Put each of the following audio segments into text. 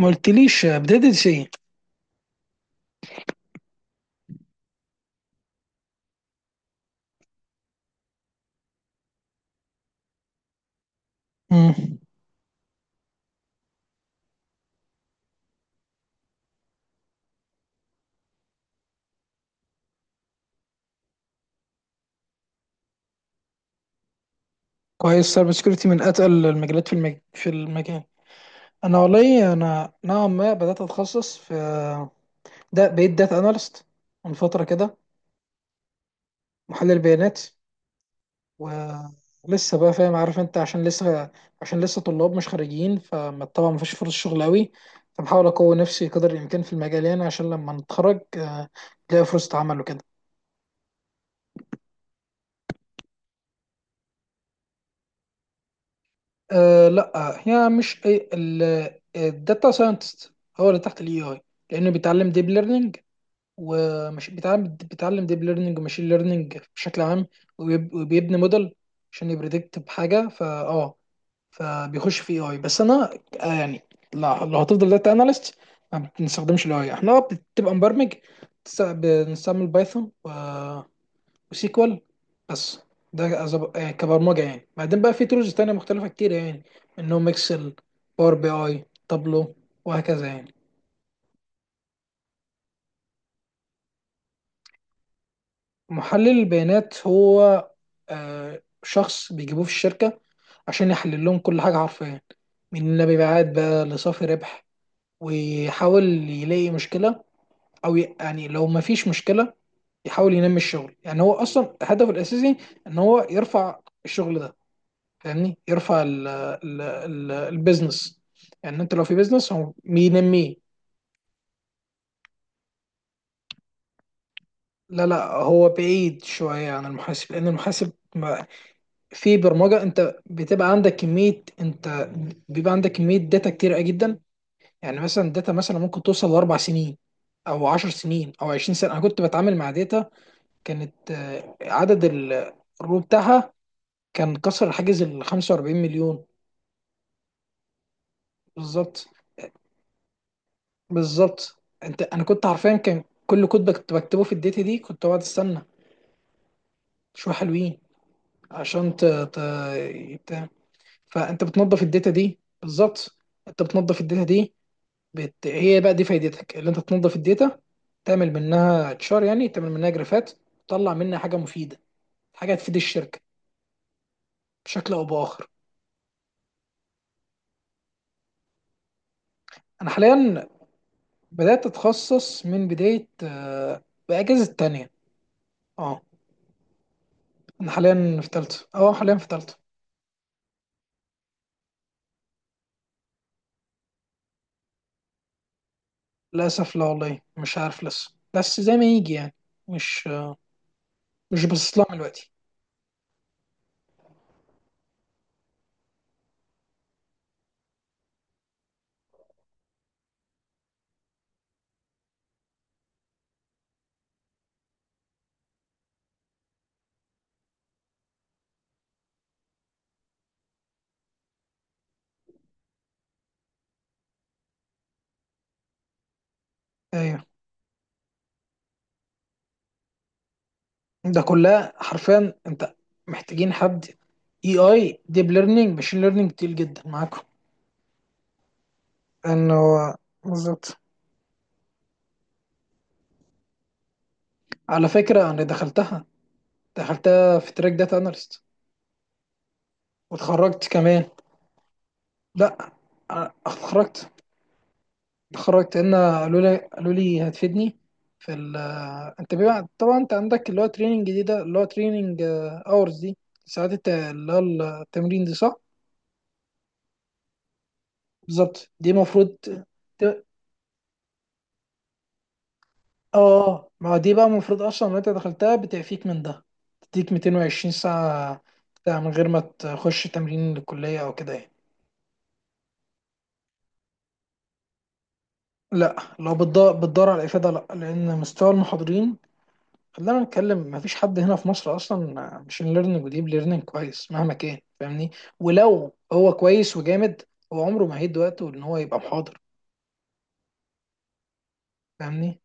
ما قلتليش بدأت ايه؟ مم. كويس، سايبر سكيورتي من اتقل المجالات في المجال. انا والله انا نوعا ما بدات اتخصص في، ده بقيت داتا اناليست من فتره كده. محلل بيانات. ولسه بقى فاهم، عارف انت، عشان لسه طلاب مش خارجين، فطبعا مفيش فرص شغل قوي. فبحاول اقوي نفسي قدر الامكان في المجال يعني عشان لما نتخرج، الاقي فرصة عمل وكده. أه، لا. هي مش الداتا ساينتست هو اللي تحت الاي اي، لانه بيتعلم ديب ليرنينج. ومش بيتعلم ديب ليرنينج وماشين ليرنينج بشكل عام. وبيبني موديل عشان يبريدكت بحاجه. فبيخش في اي، بس انا يعني لو هتفضل داتا اناليست ما بنستخدمش الاي، احنا بتبقى مبرمج. بنستعمل بايثون وسيكوال بس. ده كبرمجه يعني، بعدين بقى في تولز تانية مختلفه كتير يعني، منهم اكسل، باور بي اي، تابلو، وهكذا يعني. محلل البيانات هو شخص بيجيبوه في الشركه عشان يحلل لهم كل حاجه حرفيا، من مبيعات بقى لصافي ربح. ويحاول يلاقي مشكله، او يعني لو ما فيش مشكله، يحاول ينمي الشغل. يعني هو اصلا هدفه الاساسي ان هو يرفع الشغل ده، فاهمني، يرفع ال البيزنس. يعني انت لو في بيزنس هو بينميه. لا لا، هو بعيد شويه عن المحاسب، لان المحاسب. في برمجه، انت بتبقى عندك كميه، انت بيبقى عندك كميه داتا كتير جدا. يعني مثلا الداتا مثلا ممكن توصل ل4 سنين او 10 سنين او 20 سنه. انا كنت بتعامل مع داتا كانت عدد الرو بتاعها كان كسر حاجز ال 45 مليون. بالظبط. بالظبط انت، انا كنت حرفيا كان كل كود بكتبه في الداتا دي، كنت بقعد استنى شويه حلوين عشان ت... فانت بتنظف الداتا دي، بالظبط. انت بتنظف الداتا دي، هي بقى دي فايدتك، اللي انت تنظف الداتا، تعمل منها تشار يعني، تعمل منها جرافات، تطلع منها حاجه مفيده، حاجه تفيد الشركه بشكل او باخر. انا حاليا بدات اتخصص من بدايه باجازه تانية، اه. انا حاليا في تالتة، اه، حاليا في تالتة. للاسف لا والله، مش عارف لسه، بس زي ما يجي يعني. مش، مش باصص لها من دلوقتي. ايوه، ده كلها حرفيا انت محتاجين حد اي اي ديب ليرنينج ماشين ليرنينج كتير جدا معاكم. انه، بالظبط. على فكرة انا دخلتها، دخلتها في تراك داتا اناليست، واتخرجت كمان. لا، أنا اتخرجت. اتخرجت ان قالوا لي هتفيدني في ال. انت بيبقى طبعا انت عندك اللي هو تريننج دي، ده اللي هو تريننج اورز دي، ساعات اللي هو التمرين دي، صح؟ بالظبط، دي المفروض ت- اه، ما دي بقى المفروض اصلا لو انت دخلتها بتعفيك من ده، تديك 220 ساعة بتاع، من غير ما تخش تمرين للكلية او كده يعني. لا، لو بتدور على الافادة، لا، لان مستوى المحاضرين، خلينا نتكلم، مفيش حد هنا في مصر اصلا ماشين ليرنينج وديب ليرنينج كويس، مهما كان، فاهمني. ولو هو كويس وجامد، هو عمره ما هيدي وقته ان هو يبقى محاضر، فاهمني.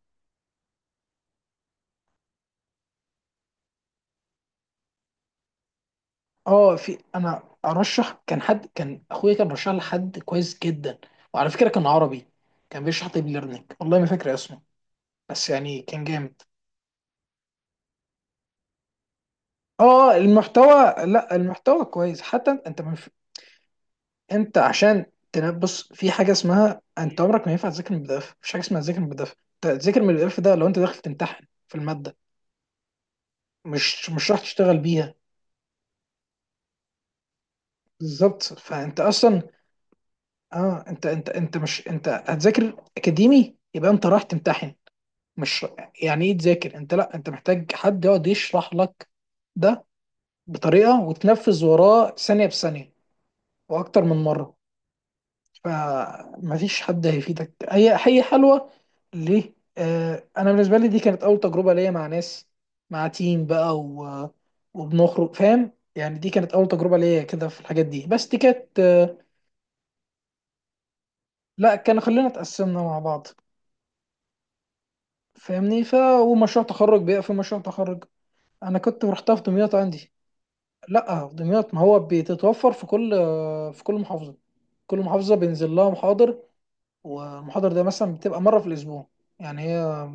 اه، في، انا ارشح، كان حد كان اخويا كان رشح لحد كويس جدا، وعلى فكره كان عربي، كان بيشرح ديب ليرنينج، والله ما فاكر اسمه، بس يعني كان جامد. اه المحتوى، لا المحتوى كويس. حتى انت، انت عشان بص، في حاجه اسمها انت عمرك ما ينفع تذاكر من البي دي اف، مفيش حاجه اسمها تذاكر من البي دي اف. انت تذاكر من البي دي اف ده لو انت داخل تمتحن في الماده، مش راح تشتغل بيها. بالظبط، فانت اصلا، اه، انت انت مش، انت هتذاكر اكاديمي يبقى انت راح تمتحن، مش. يعني ايه تذاكر انت؟ لا، انت محتاج حد يقعد يشرح لك ده بطريقه وتنفذ وراه ثانيه بثانيه واكتر من مره. فمفيش حد هيفيدك. هي حلوه ليه؟ آه، انا بالنسبه لي دي كانت اول تجربه ليا مع ناس، مع تيم بقى، و... وبنخرج فاهم يعني، دي كانت اول تجربه ليا كده في الحاجات دي، بس دي كانت. لا، كان، خلينا اتقسمنا مع بعض، فاهمني. ومشروع تخرج بقى، في مشروع تخرج. انا كنت رحتها في دمياط عندي. لا في دمياط، ما هو بتتوفر في كل في كل محافظه. كل محافظه بينزل لها محاضر، والمحاضر ده مثلا بتبقى مره في الاسبوع، يعني هي،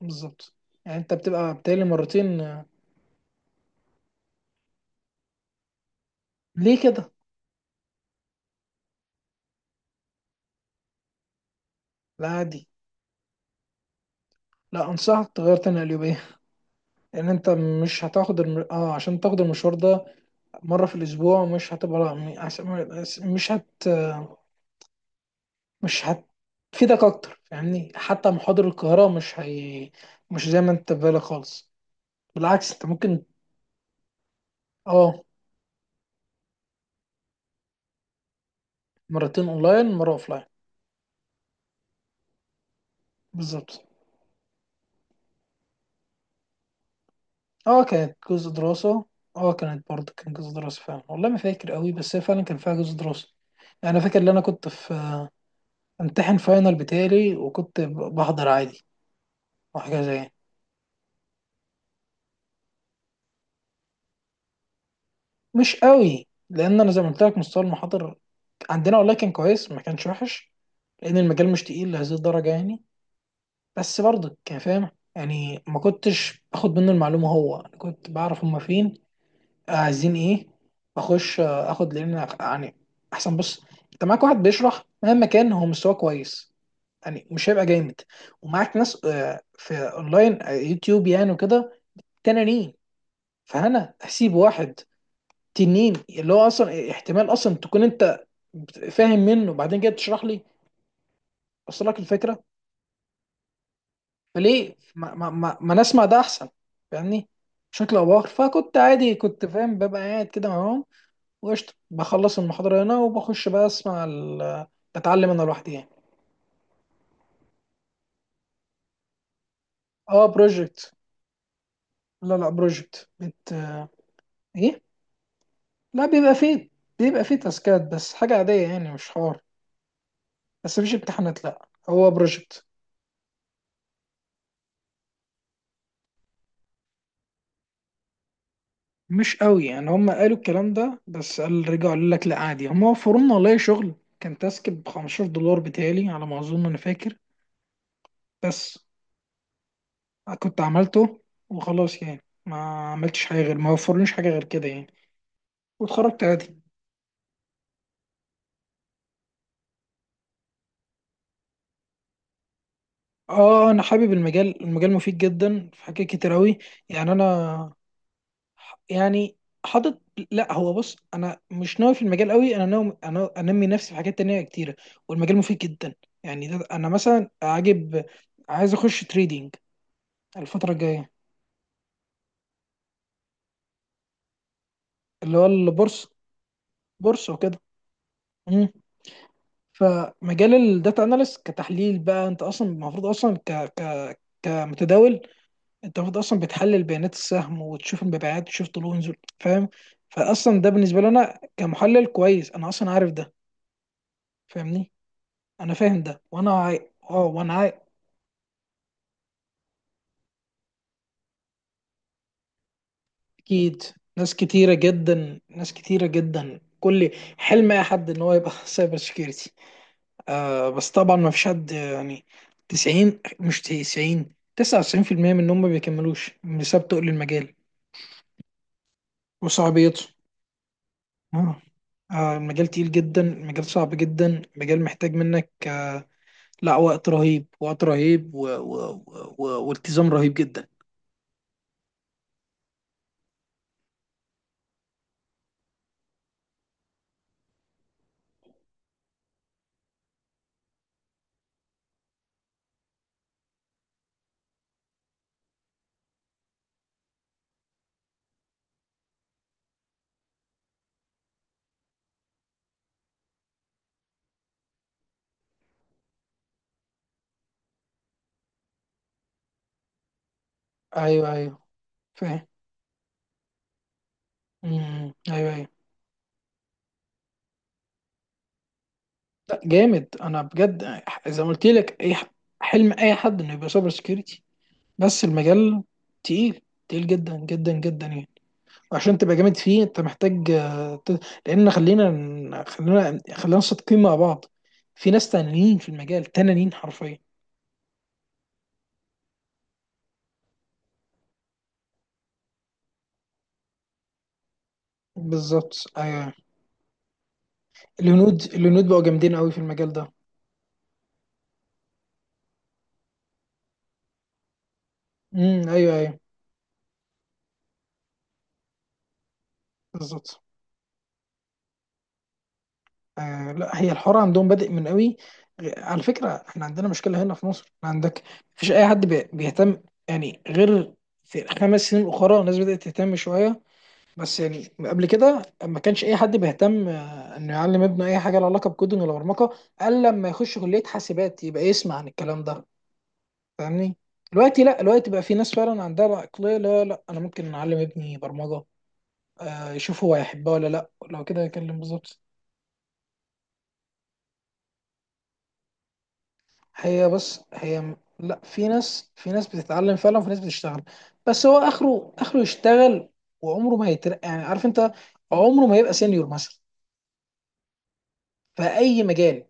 بالظبط، يعني انت بتبقى بتالي مرتين. ليه كده؟ لا عادي. لا انصحك تغير تاني قليوبية، لان انت مش هتاخد اه عشان تاخد المشوار ده مرة في الاسبوع، مش هتبقى، لا مش مش هتفيدك اكتر، فاهمني. حتى محاضر القاهرة مش هي، مش زي ما انت في بالك خالص، بالعكس انت ممكن. اه، مرتين اونلاين، مرة اوفلاين. بالظبط. اه كانت جزء دراسة. اه كانت برضه، كان جزء دراسة فعلا، والله ما فاكر قوي، بس هي فعلا كان فيها جزء دراسة. يعني انا فاكر ان انا كنت في، امتحن فاينل بتاعي، وكنت بحضر عادي وحاجة زي يعني. مش قوي، لان انا زي ما قلت لك، مستوى المحاضر عندنا، والله كان كويس، ما كانش وحش، لان المجال مش تقيل لهذه الدرجة يعني، بس برضه كان فاهم. يعني ما كنتش باخد منه المعلومة، هو أنا كنت بعرف هما فين عايزين ايه، اخش اخد، لان يعني احسن، بص، انت معاك واحد بيشرح مهما كان هو مستواه كويس، يعني مش هيبقى جامد. ومعاك ناس في اونلاين يوتيوب يعني وكده، تنانين. فانا هسيب واحد تنين، اللي هو اصلا احتمال اصلا تكون انت فاهم منه، وبعدين جاي تشرح لي، وصل لك الفكره. فليه ما نسمع ده احسن؟ فاهمني، بشكل او باخر، فكنت عادي كنت فاهم، ببقى قاعد كده معاهم، وقشطة، بخلص المحاضرة هنا وبخش بقى أسمع ال، بتعلم أنا لوحدي يعني. أه، بروجكت. لا لا، بروجكت. إيه؟ لا بيبقى فيه، بيبقى فيه تاسكات بس، حاجة عادية يعني، مش حوار، بس مفيش امتحانات، لا هو بروجكت. مش قوي يعني، هم قالوا الكلام ده، بس قال رجعوا قالوا لك لا عادي، هم وفروا لنا والله شغل، كان تاسك ب 15 دولار بتهيألي على ما أظن، أنا فاكر، بس كنت عملته وخلاص يعني، ما عملتش حاجة غير، ما وفرليش حاجة غير كده يعني، واتخرجت عادي. اه، انا حابب المجال، المجال مفيد جدا في حاجات كتير اوي. يعني انا يعني حاطط، لا هو بص، انا مش ناوي في المجال قوي، انا ناوي انا انمي نفسي في حاجات تانية كتيره، والمجال مفيد جدا، يعني ده انا مثلا عاجب عايز اخش تريدينج الفتره الجايه، اللي هو البورصه، بورصه وكده. مم. فمجال الداتا اناليست كتحليل بقى، انت اصلا المفروض اصلا ك ك كمتداول، انت المفروض اصلا بتحلل بيانات السهم، وتشوف المبيعات، وتشوف طلوع ونزول، فاهم؟ فاصلا ده بالنسبه لي انا كمحلل كويس، انا اصلا عارف ده، فاهمني. انا فاهم ده وانا عاي... اه وانا عاي... اكيد. ناس كتيره جدا، ناس كتيره جدا، كل حلم اي حد ان هو يبقى سايبر سكيورتي، آه. بس طبعا ما فيش حد يعني، 90 مش 90 99% منهم ما بيكملوش بسبب تقل المجال وصعوبيته، اه. المجال تقيل جدا، المجال صعب جدا، المجال محتاج منك، لا، وقت رهيب، وقت رهيب والتزام رهيب جدا. ايوه ايوه فاهم. أمم، ايوه ايوه. لا جامد، انا بجد، زي ما قلت لك، اي حلم اي حد انه يبقى سايبر سكيورتي، بس المجال تقيل، تقيل جدا جدا جدا يعني. وعشان تبقى جامد فيه انت محتاج. لان خلينا خلينا خلينا صادقين مع بعض، في ناس تانيين في المجال تنانين حرفيا. بالظبط، ايوه. الهنود الهنود بقوا جامدين قوي في المجال ده. امم، ايوه ايوه. بالظبط، آه. لا، هي الحوار عندهم بادئ من قوي. على فكره احنا عندنا مشكله هنا في مصر، عندك مفيش اي حد بيهتم، يعني غير في 5 سنين اخرى الناس بدات تهتم شويه. بس يعني قبل كده ما كانش اي حد بيهتم انه يعلم ابنه اي حاجه لها علاقه بكودنج ولا برمجه، الا لما يخش كليه حاسبات يبقى يسمع عن الكلام ده. فاهمني. دلوقتي لا، دلوقتي بقى في ناس فعلا عندها العقلية، لا لا انا ممكن اعلم ابني برمجة، يشوف هو هيحبها ولا لا، لو كده يكلم بالظبط. هي، بس هي لا، في ناس بتتعلم فعلا، وفي ناس بتشتغل، بس هو اخره اخره يشتغل، وعمره ما هيترقى يعني، عارف انت، عمره ما يبقى سينيور مثلا، في اي مجال.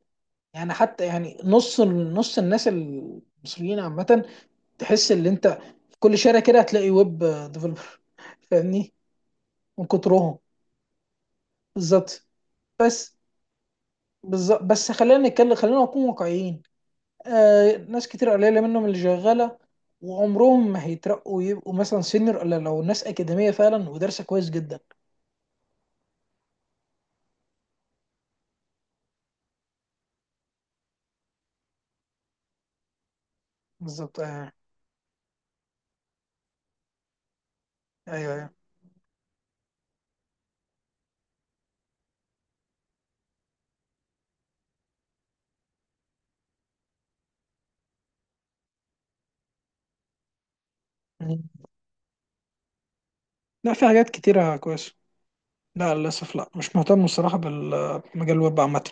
يعني حتى يعني نص نص الناس المصريين عامة، تحس ان انت في كل شارع كده هتلاقي ويب ديفلوبر، فاهمني، من كترهم. بالظبط، بس، بالظبط، بس خلينا نتكلم، خلينا نكون واقعيين، آه ناس كتير قليله منهم اللي شغاله، وعمرهم ما هيترقوا يبقوا مثلا سينيور، الا لو ناس اكاديميه فعلا ودارسه كويس جدا. بالظبط، آه. ايوه ايوه. مم. لا، في حاجات كتيره كويسه، لا للاسف، لا مش مهتم الصراحه بمجال الويب عامه.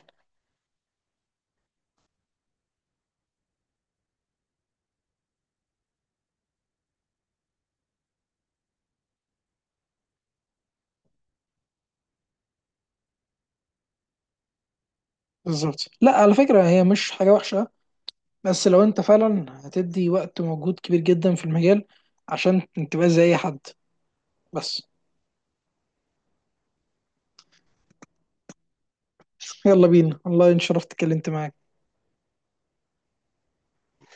بالظبط، لا على فكره هي مش حاجه وحشه، بس لو انت فعلا هتدي وقت ومجهود كبير جدا في المجال عشان تبقى زي اي حد بس. يلا بينا والله، ان شرفت اتكلمت معاك.